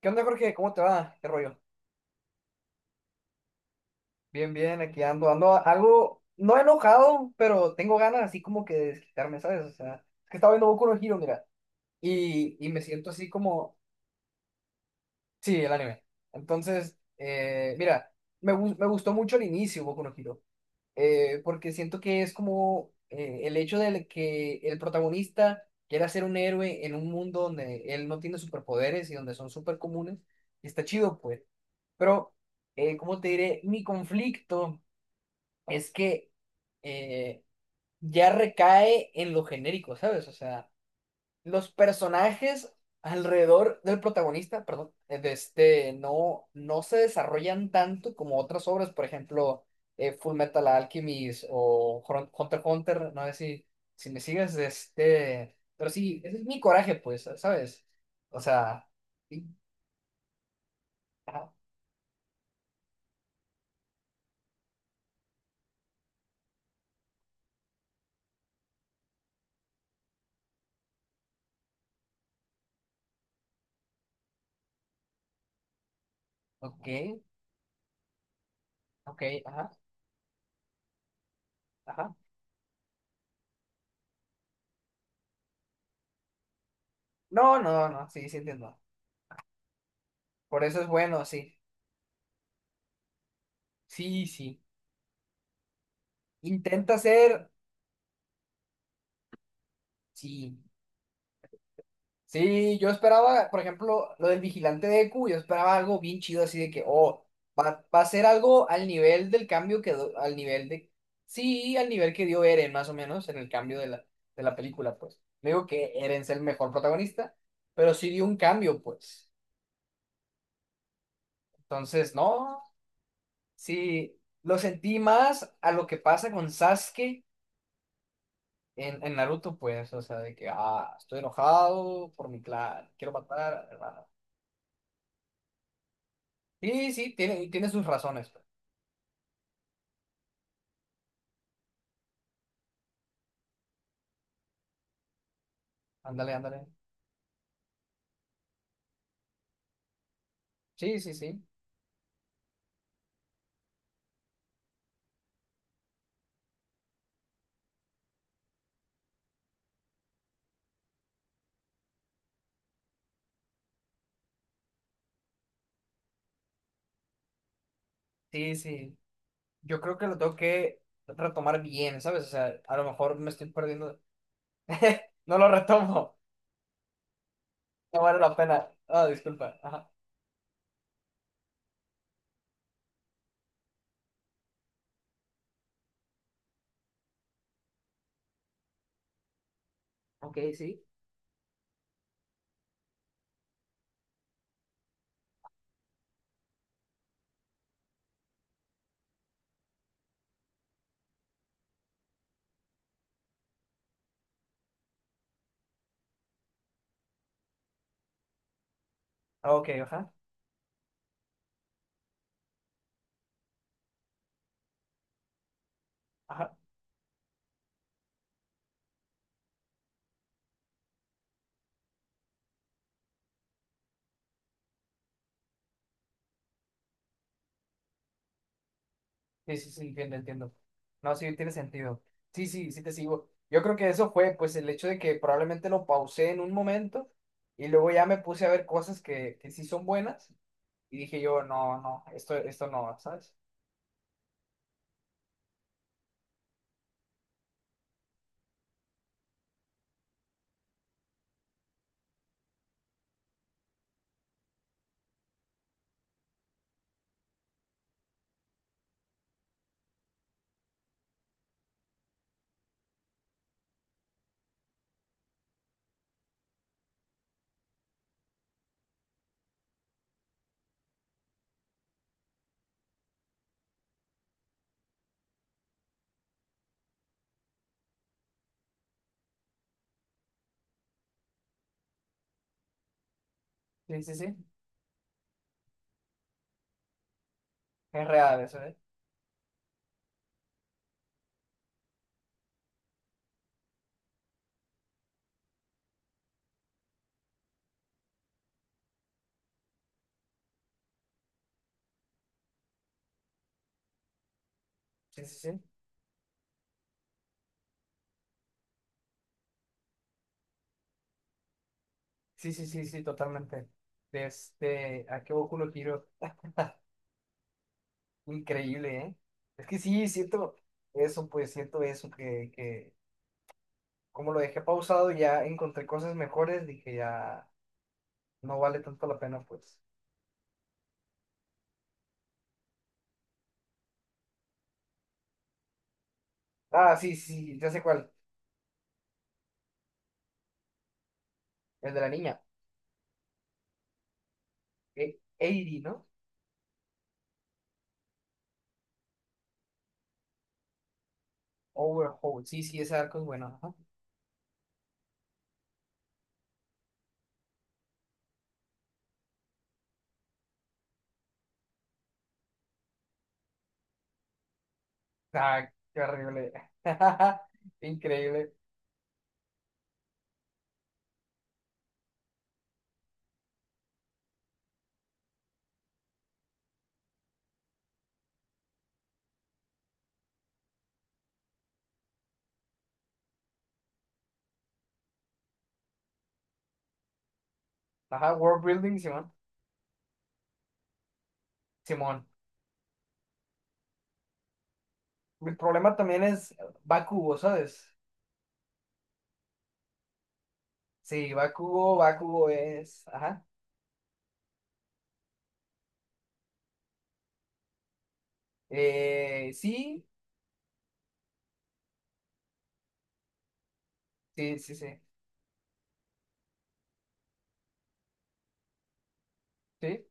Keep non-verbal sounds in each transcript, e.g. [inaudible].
¿Qué onda, Jorge? ¿Cómo te va? ¿Qué rollo? Bien, bien, aquí ando, ando algo, no enojado, pero tengo ganas así como que de desquitarme, ¿sabes? O sea, es que estaba viendo Boku no Hero, mira, y me siento así como, sí, el anime. Entonces, mira, me gustó mucho el inicio Boku no Hero, porque siento que es como el hecho de que el protagonista quiera ser un héroe en un mundo donde él no tiene superpoderes y donde son súper comunes, y está chido, pues. Pero, ¿cómo te diré? Mi conflicto es que eh, ya recae en lo genérico, ¿sabes? O sea, los personajes alrededor del protagonista, perdón, no se desarrollan tanto como otras obras, por ejemplo, Full Metal Alchemist o Hunter x Hunter, no sé si, si me sigues, de este, pero sí, ese es mi coraje, pues, ¿sabes? O sea, sí, ajá, ok, ok, ajá, ajá. No, no, no, sí, sí entiendo. Por eso es bueno, sí. Sí, sí. Intenta ser, sí. Sí, yo esperaba, por ejemplo, lo del vigilante de E Q, yo esperaba algo bien chido así de que, oh, va a ser algo al nivel del cambio que, al nivel de, sí, al nivel que dio Eren, más o menos, en el cambio de la película, pues. No digo que Eren sea el mejor protagonista, pero sí dio un cambio, pues. Entonces, no, sí, lo sentí más a lo que pasa con Sasuke En Naruto, pues, o sea, de que, ah, estoy enojado por mi clan, quiero matar, hermano. Sí, sí, tiene, tiene sus razones, pues. Ándale, ándale. Sí, sí, sí. Sí, sí. Yo creo que lo tengo que retomar bien, ¿sabes? O sea, a lo mejor me estoy perdiendo. [laughs] No lo retomo. No vale la pena. Ah, disculpa. Ajá. Ok, sí. Ok, ajá. Ajá. Sí, sí, sí, entiendo, entiendo. No, sí, tiene sentido. Sí, sí, sí te sigo. Yo creo que eso fue, pues, el hecho de que probablemente lo pausé en un momento y luego ya me puse a ver cosas que sí son buenas y dije yo, no, no, esto no, ¿sabes? Sí, sí, sí, es real eso, ¿eh? Sí, sí, sí, sí, sí, sí, sí, totalmente. Este, ¿a qué Boku no Hero? [laughs] Increíble, ¿eh? Es que sí, siento eso, pues, siento eso, que como lo dejé pausado, ya encontré cosas mejores, dije ya, no vale tanto la pena, pues. Ah, sí, sí, ya sé cuál. El de la niña. 80, ¿no? Overhaul. Sí, sí, ese arco es bueno, ajá. Ah, qué horrible. [laughs] Increíble. Ajá, World Building, Simón. Simón. Mi problema también es Bakugo, ¿sabes? Sí, Bakugo, Bakugo es. Ajá. Sí, sí, sí, sí. Sí,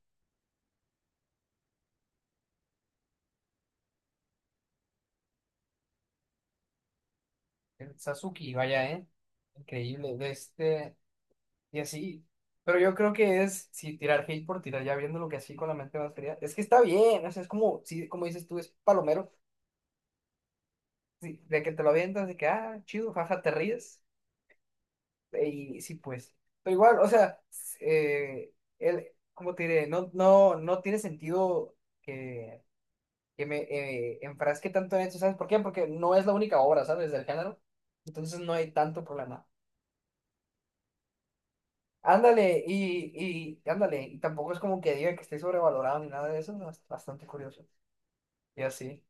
el Sasuke, vaya, ¿eh? Increíble. De este. Y así. Pero yo creo que es, si tirar hate por tirar, ya viendo lo que así con la mente más fría, es que está bien, o sea, es como, sí, como dices tú, es palomero, sí, de que te lo avientas, de que, ah, chido, jaja, te ríes, y sí, pues. Pero igual, o sea, él, cómo te diré, no, no, no tiene sentido que, que me enfrasque tanto en eso, ¿sabes por qué? Porque no es la única obra, ¿sabes? Del género, entonces no hay tanto problema. Ándale, y ándale, y tampoco es como que diga que esté sobrevalorado ni nada de eso, ¿no? Es bastante curioso. Y así,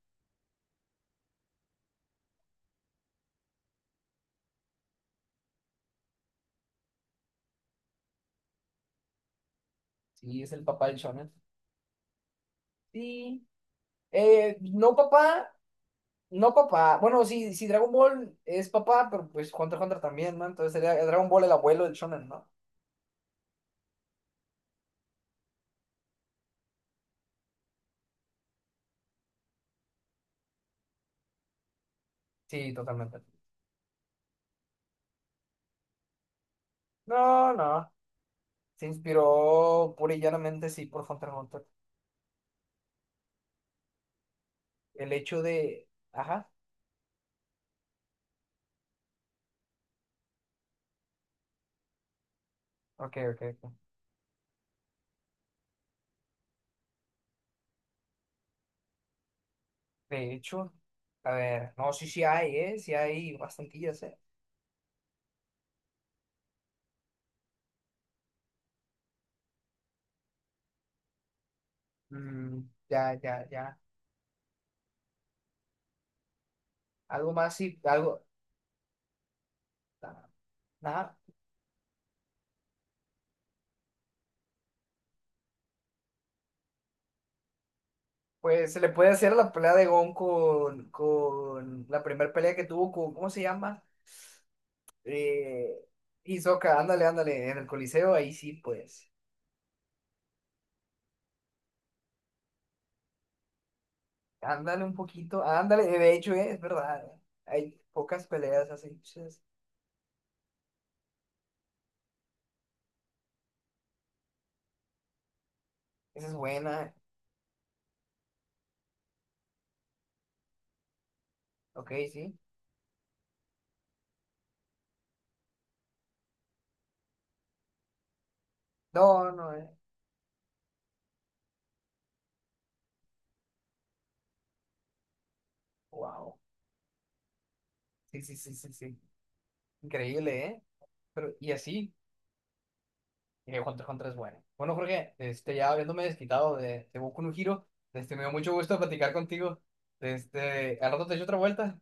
sí, es el papá del shonen. Sí, no papá, no papá, bueno, sí, sí, Dragon Ball es papá, pero pues Hunter x Hunter también, ¿no? Entonces sería Dragon Ball el abuelo del shonen, ¿no? Sí, totalmente. No, no, se inspiró pura y llanamente, sí, por Hunter x Hunter. El hecho de, ajá, ok, ok, ok. De hecho, a ver, no, sí, sí hay, ¿eh? Sí hay bastantillas, ¿eh? Mm, ya, ya, ya. Algo más y algo. Ah, nada. Pues se le puede hacer a la pelea de Gon con la primera pelea que tuvo con, ¿cómo se llama? Eh, Hisoka, ándale, ándale, en el Coliseo, ahí sí, pues. Ándale un poquito, ándale, de hecho, es verdad, hay pocas peleas así, chas. Esa es buena. Ok, sí. No, no, eh. Wow. Sí, sí, sí, sí, sí. Increíble, ¿eh? Pero, y así. Y Hunter x Hunter es bueno. Bueno, Jorge, este, ya habiéndome desquitado de Boku no Hero, este, me dio mucho gusto platicar contigo. Este, al rato te echo otra vuelta.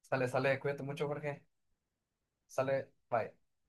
Sale, sale, cuídate mucho, Jorge. Sale, bye.